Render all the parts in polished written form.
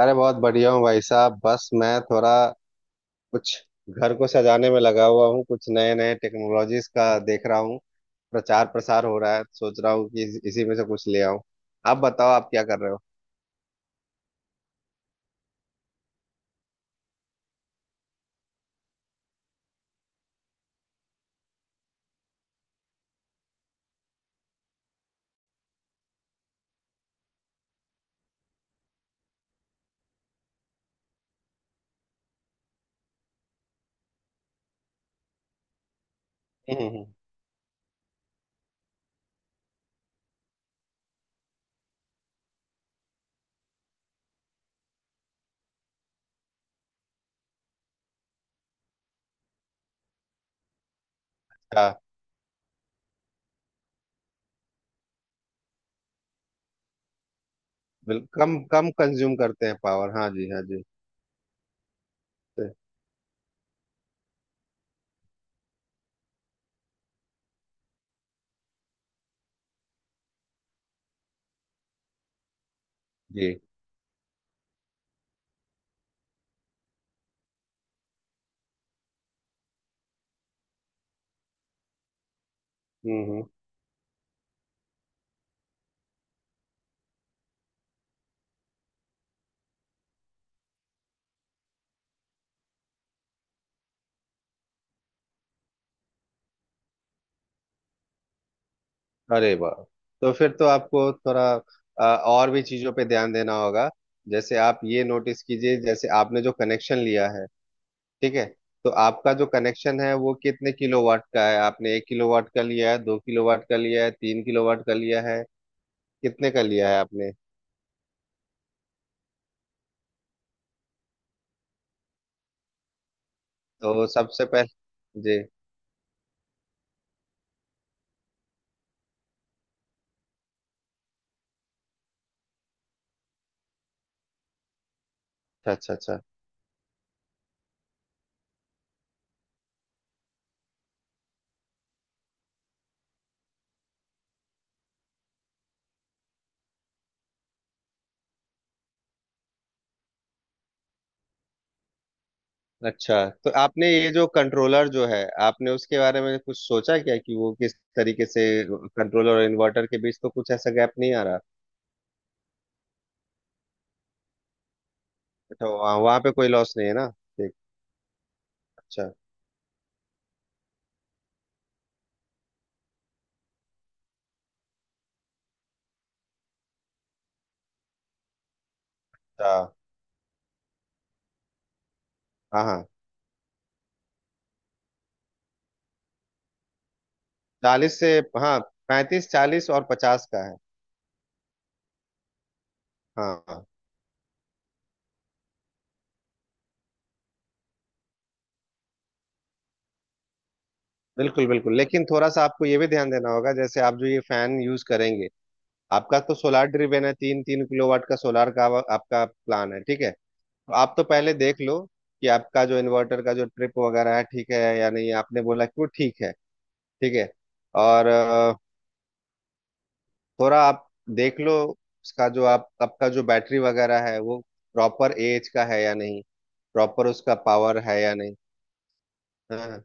अरे बहुत बढ़िया हूँ भाई साहब। बस मैं थोड़ा कुछ घर को सजाने में लगा हुआ हूँ। कुछ नए नए टेक्नोलॉजीज का देख रहा हूँ। प्रचार प्रसार हो रहा है। सोच रहा हूँ कि इसी में से कुछ ले आऊँ। आप बताओ, आप क्या कर रहे हो? हम्म। हाँ, बिल्कुल कम कम कंज्यूम करते हैं पावर। हाँ जी, हाँ जी। तो- जी। हम्म हम्म अरे वाह! तो फिर तो आपको थोड़ा और भी चीजों पे ध्यान देना होगा। जैसे आप ये नोटिस कीजिए, जैसे आपने जो कनेक्शन लिया है, ठीक है? तो आपका जो कनेक्शन है वो कितने किलोवाट का है? आपने एक किलोवाट का लिया है, दो किलोवाट का लिया है, तीन किलोवाट का लिया है? कितने का लिया है आपने? तो सबसे पहले जी, अच्छा अच्छा अच्छा। अच्छा तो आपने ये जो कंट्रोलर जो है, आपने उसके बारे में कुछ सोचा क्या कि वो किस तरीके से कंट्रोलर और इन्वर्टर के बीच तो कुछ ऐसा गैप नहीं आ रहा? अच्छा, वहाँ वहाँ पे कोई लॉस नहीं है ना, ठीक। अच्छा। अच्छा। हाँ हाँ। चालीस से। हाँ, पैंतीस, चालीस और पचास का है। हाँ हाँ। बिल्कुल बिल्कुल, लेकिन थोड़ा सा आपको ये भी ध्यान देना होगा जैसे आप जो ये फैन यूज करेंगे। आपका तो सोलार ड्रिवेन है, तीन तीन किलोवाट का सोलार का आपका प्लान है, ठीक है। तो आप तो पहले देख लो कि आपका जो इन्वर्टर का जो ट्रिप वगैरह है, ठीक है या नहीं। आपने बोला कि वो ठीक है, ठीक है। और थोड़ा आप देख लो उसका जो आप आपका जो बैटरी वगैरह है, वो प्रॉपर एएच का है या नहीं, प्रॉपर उसका पावर है या नहीं। हाँ,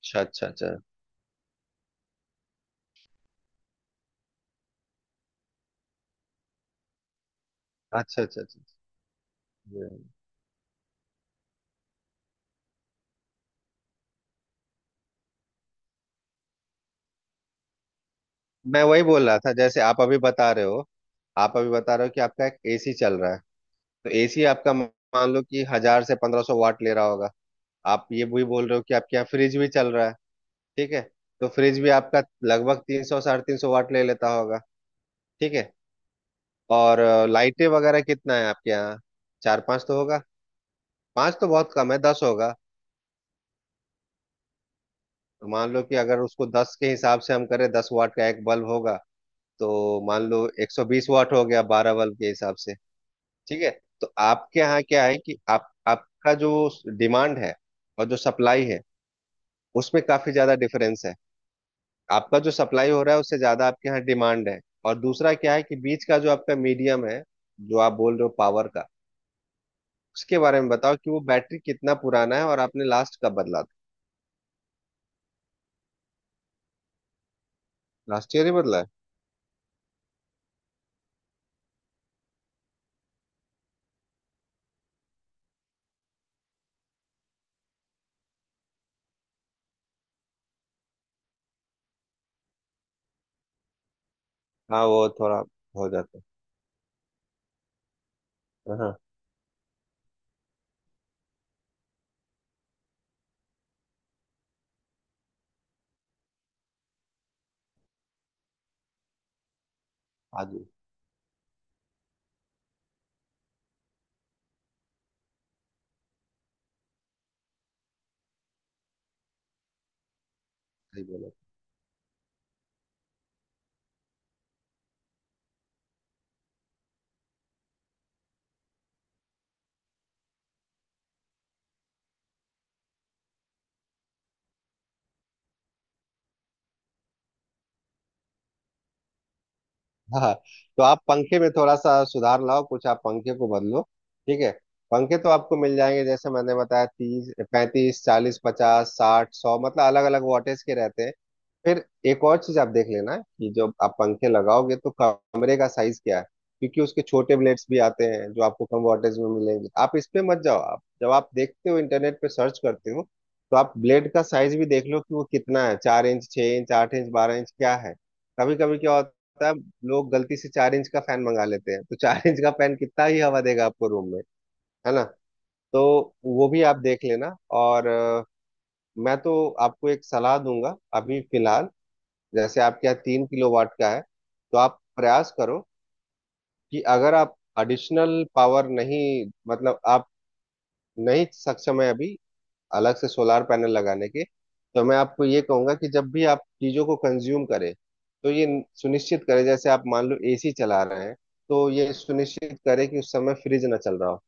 अच्छा अच्छा अच्छा। अच्छा अच्छा अच्छा। अच्छा। मैं वही बोल रहा था जैसे आप अभी बता रहे हो। आप अभी बता रहे हो कि आपका एक एसी चल रहा है। तो एसी आपका मान लो कि हजार से पंद्रह सौ वाट ले रहा होगा। आप ये भी बोल रहे हो कि आपके यहाँ फ्रिज भी चल रहा है, ठीक है। तो फ्रिज भी आपका लगभग तीन सौ, साढ़े तीन सौ वाट ले लेता होगा, ठीक है। और लाइटें वगैरह कितना है आपके यहाँ? चार पांच तो होगा। पांच तो बहुत कम है, दस होगा। तो मान लो कि अगर उसको दस के हिसाब से हम करें, दस वाट का एक बल्ब होगा, तो मान लो एक सौ बीस वाट हो गया बारह बल्ब के हिसाब से, ठीक है। तो आपके यहाँ क्या है कि आप आपका जो डिमांड है और जो सप्लाई है, उसमें काफी ज्यादा डिफरेंस है। आपका जो सप्लाई हो रहा है उससे ज्यादा आपके यहाँ डिमांड है। और दूसरा क्या है कि बीच का जो आपका मीडियम है, जो आप बोल रहे हो पावर का, उसके बारे में बताओ कि वो बैटरी कितना पुराना है और आपने लास्ट कब बदला था। लास्ट ईयर ही बदला है। हाँ, वो थोड़ा हो जाता है। हाँ हाँ जी। सही बोला। हाँ, तो आप पंखे में थोड़ा सा सुधार लाओ, कुछ आप पंखे को बदलो, ठीक है। पंखे तो आपको मिल जाएंगे, जैसे मैंने बताया, तीस, पैंतीस, चालीस, पचास, साठ, सौ मतलब अलग अलग वॉटेज के रहते हैं। फिर एक और चीज आप देख लेना कि जब आप पंखे लगाओगे तो कमरे का साइज क्या है, क्योंकि उसके छोटे ब्लेड्स भी आते हैं जो आपको कम वॉटेज में मिलेंगे। आप इस पे मत जाओ, आप जब आप देखते हो इंटरनेट पे सर्च करते हो, तो आप ब्लेड का साइज भी देख लो कि वो कितना है, चार इंच, छह इंच, आठ इंच, बारह इंच क्या है। कभी कभी क्या होता पता है, लोग गलती से चार इंच का फैन मंगा लेते हैं, तो चार इंच का फैन कितना ही हवा देगा आपको रूम में, है ना। तो वो भी आप देख लेना। और मैं तो आपको एक सलाह दूंगा अभी फिलहाल, जैसे आपके यहाँ तीन किलो वाट का है, तो आप प्रयास करो कि अगर आप एडिशनल पावर नहीं, मतलब आप नहीं सक्षम है अभी अलग से सोलार पैनल लगाने के, तो मैं आपको ये कहूंगा कि जब भी आप चीजों को कंज्यूम करें, तो ये सुनिश्चित करें, जैसे आप मान लो एसी चला रहे हैं, तो ये सुनिश्चित करें कि उस समय फ्रिज ना चल रहा हो।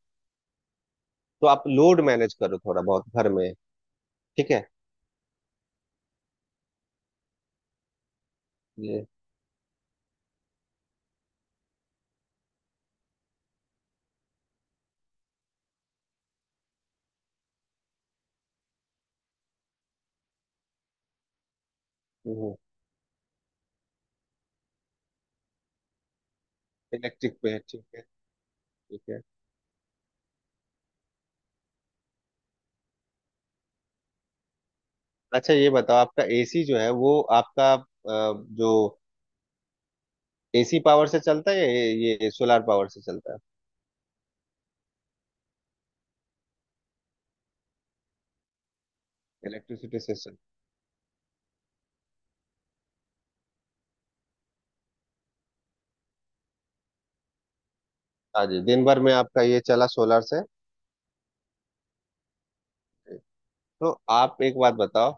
तो आप लोड मैनेज करो थोड़ा बहुत घर में, ठीक है। ये, हम्म, इलेक्ट्रिक पे, ठीक है, ठीक है। अच्छा ये बताओ, आपका एसी जो है वो आपका जो एसी पावर से चलता है या ये सोलार पावर से चलता है? इलेक्ट्रिसिटी से चलता है। हाँ जी, दिन भर में आपका ये चला सोलर से। तो आप एक बात बताओ,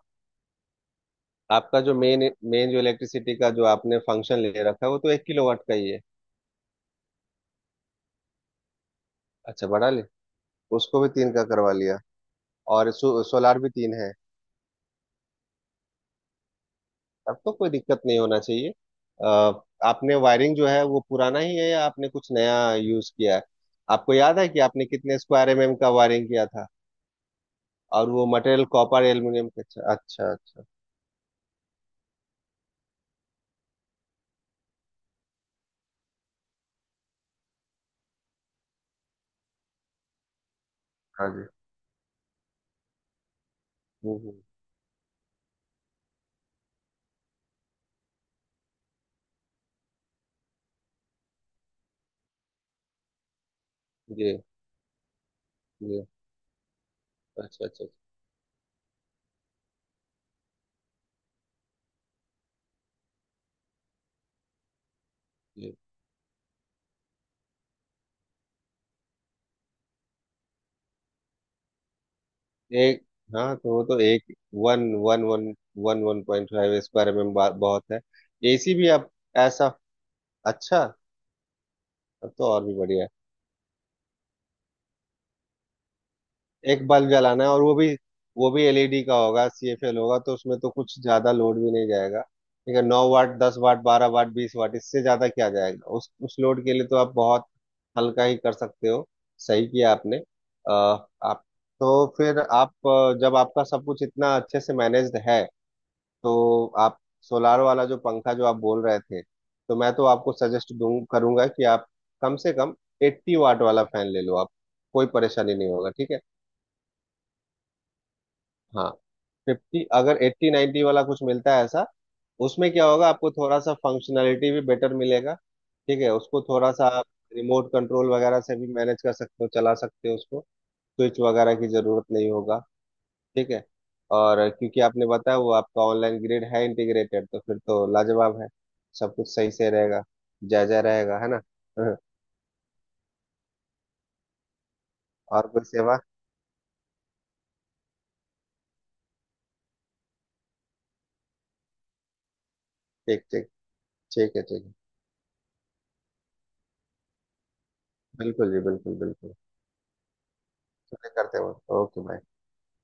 आपका जो मेन, मेन जो इलेक्ट्रिसिटी का जो आपने फंक्शन ले रखा है, वो तो एक किलोवाट का ही है? अच्छा, बढ़ा ले, उसको भी तीन का करवा लिया। और सोलार भी तीन है। तब तो कोई दिक्कत नहीं होना चाहिए। आ, आपने वायरिंग जो है वो पुराना ही है या आपने कुछ नया यूज किया है? आपको याद है कि आपने कितने स्क्वायर एमएम का वायरिंग किया था? और वो मटेरियल कॉपर एल्यूमिनियम का? अच्छा अच्छा अच्छा। हाँ जी। हम्म हम्म, जी। जी। अच्छा अच्छा अच्छा। जी। एक, हाँ, तो वो तो एक one one one one one point five इस बारे में बात बहुत है। एसी भी अब ऐसा, अच्छा। अब तो और भी बढ़िया है, एक बल्ब जलाना है और वो भी एलईडी का होगा, सीएफएल होगा, तो उसमें तो कुछ ज्यादा लोड भी नहीं जाएगा, ठीक है। नौ वाट, दस वाट, बारह वाट, बीस वाट इससे ज्यादा क्या जाएगा। उस लोड के लिए तो आप बहुत हल्का ही कर सकते हो। सही किया आपने। अ, आप, तो फिर आप जब आपका सब कुछ इतना अच्छे से मैनेज्ड है, तो आप सोलार वाला जो पंखा जो आप बोल रहे थे, तो मैं तो आपको सजेस्ट दूं करूंगा कि आप कम से कम 80 वाट वाला फैन ले लो आप, कोई परेशानी नहीं होगा, ठीक है। हाँ, फिफ्टी, अगर 80 90 वाला कुछ मिलता है ऐसा। उसमें क्या होगा आपको थोड़ा सा फंक्शनैलिटी भी बेटर मिलेगा, ठीक है। उसको थोड़ा सा आप रिमोट कंट्रोल वगैरह से भी मैनेज कर सकते हो, चला सकते हो उसको, स्विच वगैरह की जरूरत नहीं होगा, ठीक है। और क्योंकि आपने बताया वो आपका ऑनलाइन ग्रेड है इंटीग्रेटेड, तो फिर तो लाजवाब है, सब कुछ सही से रहेगा, जायजा रहेगा, है ना। हाँ, और कोई सेवा? ठीक ठीक, ठीक है, ठीक है, बिल्कुल जी, बिल्कुल बिल्कुल, चलिए करते हैं, ओके बाय।